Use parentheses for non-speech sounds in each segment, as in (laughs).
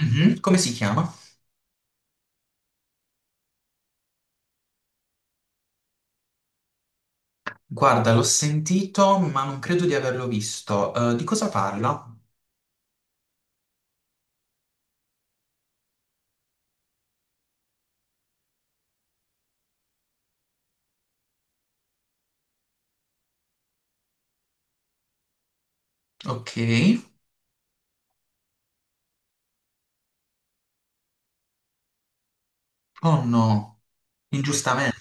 Mhm, come si chiama? Guarda, l'ho sentito, ma non credo di averlo visto. Di cosa parla? Ok. Oh no, ingiustamente.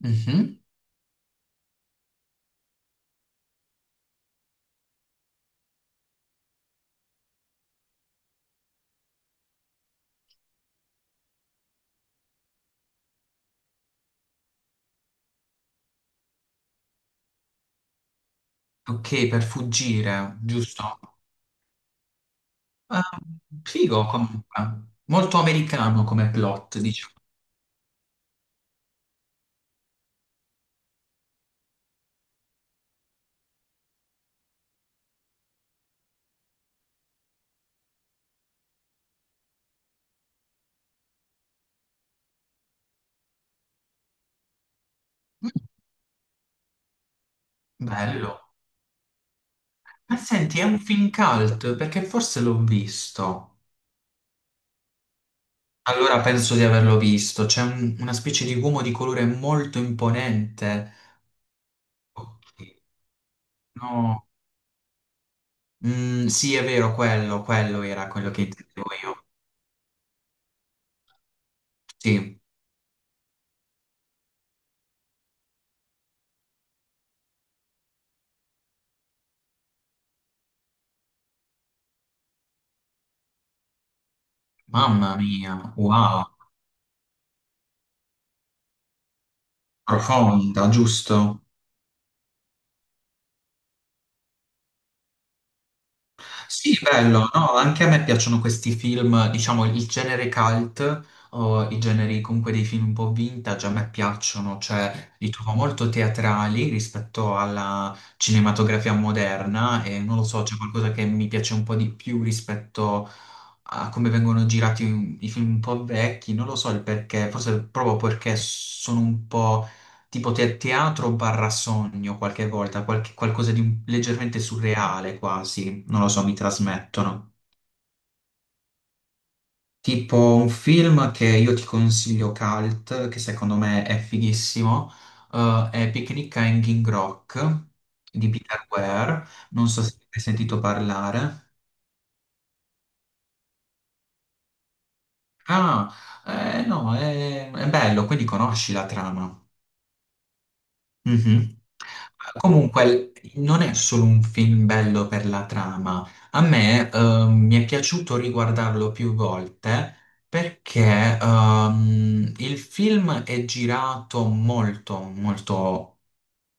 Mhm. Ok, per fuggire, giusto? Ah, figo comunque. Molto americano come plot, diciamo. Mm, bello. Ma senti, è un film cult perché forse l'ho visto. Allora penso di averlo visto. C'è una specie di uomo di colore molto imponente. Ok, no. Mm, sì, è vero, quello era quello che intendevo io. Sì, mamma mia, wow, profonda, giusto? Sì, bello, no? Anche a me piacciono questi film, diciamo il genere cult o i generi comunque dei film un po' vintage, a me piacciono, cioè li trovo molto teatrali rispetto alla cinematografia moderna e non lo so, c'è qualcosa che mi piace un po' di più rispetto a come vengono girati i film un po' vecchi, non lo so il perché, forse proprio perché sono un po' tipo teatro barra sogno qualche volta, qualcosa di leggermente surreale quasi, non lo so, mi trasmettono. Tipo un film che io ti consiglio cult, che secondo me è fighissimo, è Picnic a Hanging Rock di Peter Ware, non so se hai sentito parlare. Ah, no, è bello, quindi conosci la trama. Mhm. Comunque, non è solo un film bello per la trama. A me, mi è piaciuto riguardarlo più volte perché, il film è girato molto, molto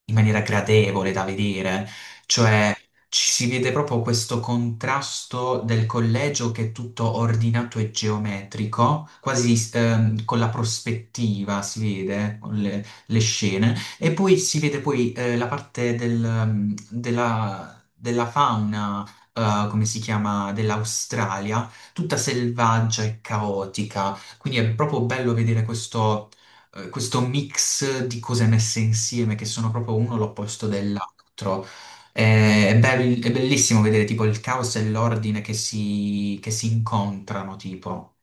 in maniera gradevole da vedere, cioè ci si vede proprio questo contrasto del collegio che è tutto ordinato e geometrico, quasi con la prospettiva si vede, con le scene, e poi si vede poi la parte della fauna, come si chiama, dell'Australia, tutta selvaggia e caotica, quindi è proprio bello vedere questo questo mix di cose messe insieme che sono proprio uno l'opposto dell'altro. È bellissimo vedere tipo il caos e l'ordine che che si incontrano, tipo.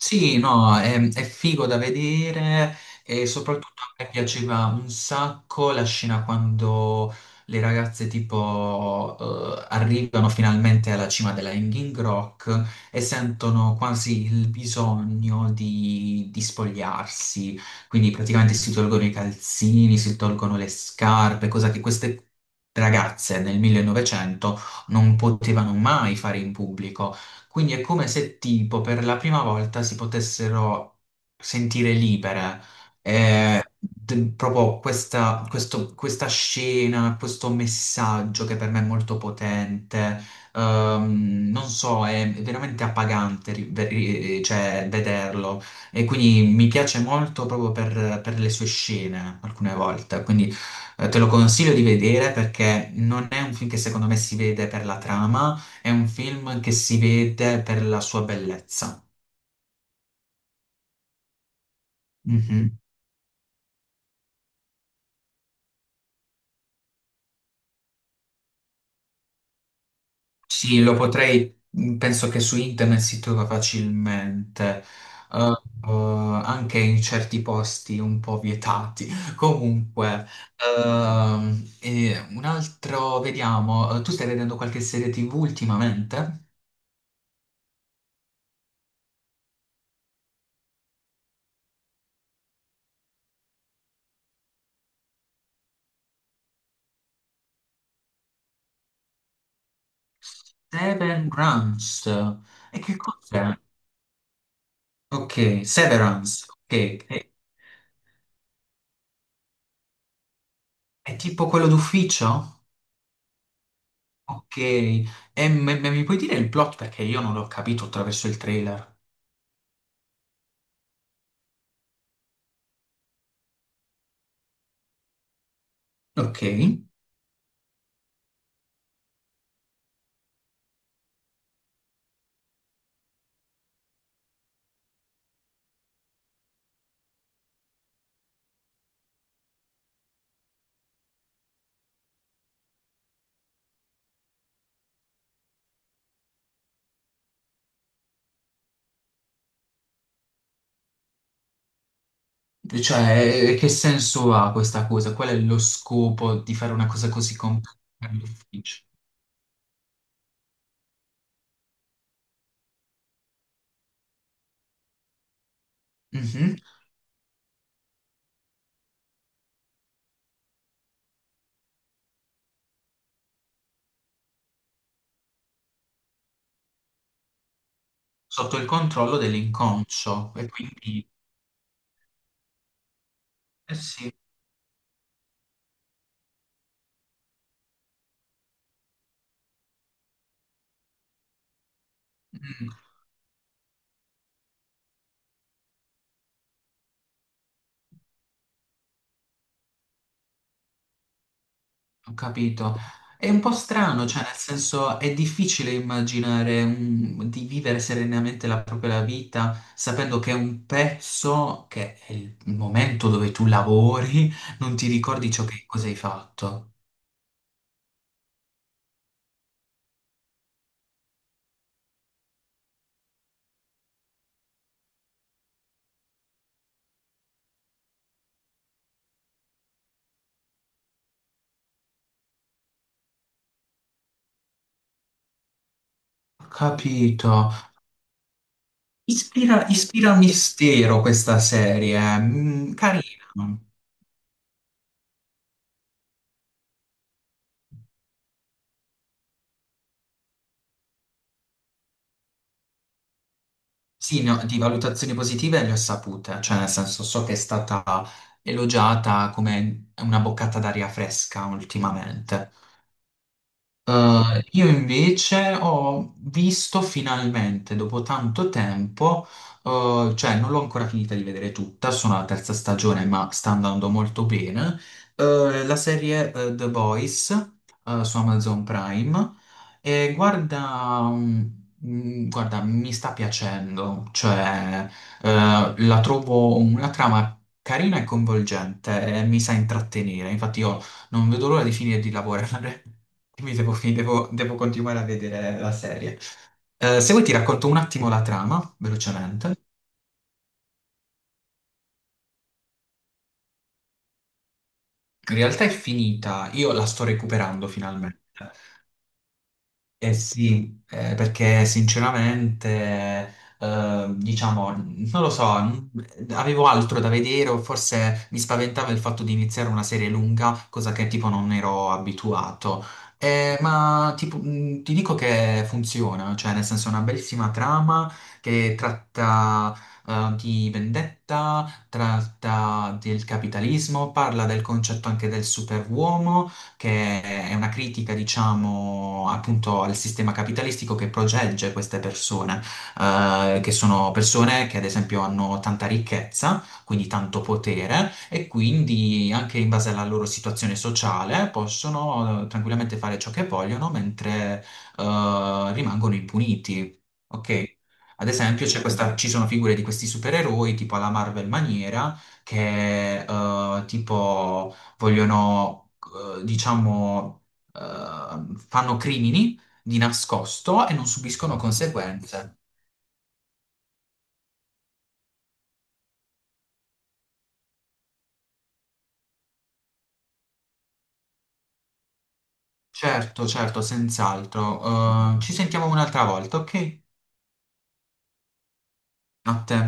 Sì, no, è figo da vedere e soprattutto a me piaceva un sacco la scena quando le ragazze tipo arrivano finalmente alla cima della Hanging Rock e sentono quasi il bisogno di spogliarsi, quindi praticamente si tolgono i calzini, si tolgono le scarpe, cosa che queste ragazze nel 1900 non potevano mai fare in pubblico. Quindi è come se tipo per la prima volta si potessero sentire libere. Eh, Proprio questa scena, questo messaggio che per me è molto potente, non so, è veramente appagante, cioè, vederlo e quindi mi piace molto proprio per le sue scene alcune volte, quindi te lo consiglio di vedere perché non è un film che secondo me si vede per la trama, è un film che si vede per la sua bellezza. Sì, lo potrei, mm, penso che su internet si trova facilmente, eh, anche in certi posti un po' vietati. (laughs) Comunque, e un altro, vediamo, tu stai vedendo qualche serie TV ultimamente? Seven Grams, e che cos'è? Ok, Severance, ok, è tipo quello d'ufficio? Ok, e mi puoi dire il plot perché io non l'ho capito attraverso il trailer? Ok. Cioè, che senso ha questa cosa? Qual è lo scopo di fare una cosa così complessa nell'ufficio? Mhm. Sotto il controllo dell'inconscio. E quindi, eh sì, mm, ho capito. È un po' strano, cioè, nel senso, è difficile immaginare di vivere serenamente la propria vita sapendo che è un pezzo, che è il momento dove tu lavori, non ti ricordi ciò che cosa hai fatto. Ho capito. Ispira, ispira mistero questa serie, mm, carina. Sì, di valutazioni positive le ho sapute, cioè nel senso so che è stata elogiata come una boccata d'aria fresca ultimamente. Io invece ho visto finalmente, dopo tanto tempo, cioè non l'ho ancora finita di vedere tutta, sono alla terza stagione, ma sta andando molto bene, la serie, The Boys, su Amazon Prime, e guarda, mm, guarda, mi sta piacendo, cioè, la trovo una trama carina e coinvolgente e mi sa intrattenere, infatti io non vedo l'ora di finire di lavorare. Mi devo, devo continuare a vedere la serie. Se vuoi ti racconto un attimo la trama, velocemente. In realtà è finita, io la sto recuperando finalmente. Eh sì, perché sinceramente, diciamo, non lo so, avevo altro da vedere o forse mi spaventava il fatto di iniziare una serie lunga, cosa che tipo non ero abituato. Ma tipo, ti dico che funziona, cioè nel senso è una bellissima trama che tratta, di vendetta, tratta del capitalismo, parla del concetto anche del superuomo che è una critica, diciamo, appunto al sistema capitalistico che protegge queste persone, che sono persone che ad esempio hanno tanta ricchezza, quindi tanto potere, e quindi anche in base alla loro situazione sociale possono tranquillamente fare ciò che vogliono mentre rimangono impuniti. Ok? Ad esempio, ci sono figure di questi supereroi, tipo alla Marvel maniera, che tipo vogliono eh, diciamo, fanno crimini di nascosto e non subiscono conseguenze. Certo, certo, senz'altro. Ci sentiamo un'altra volta, ok? A te.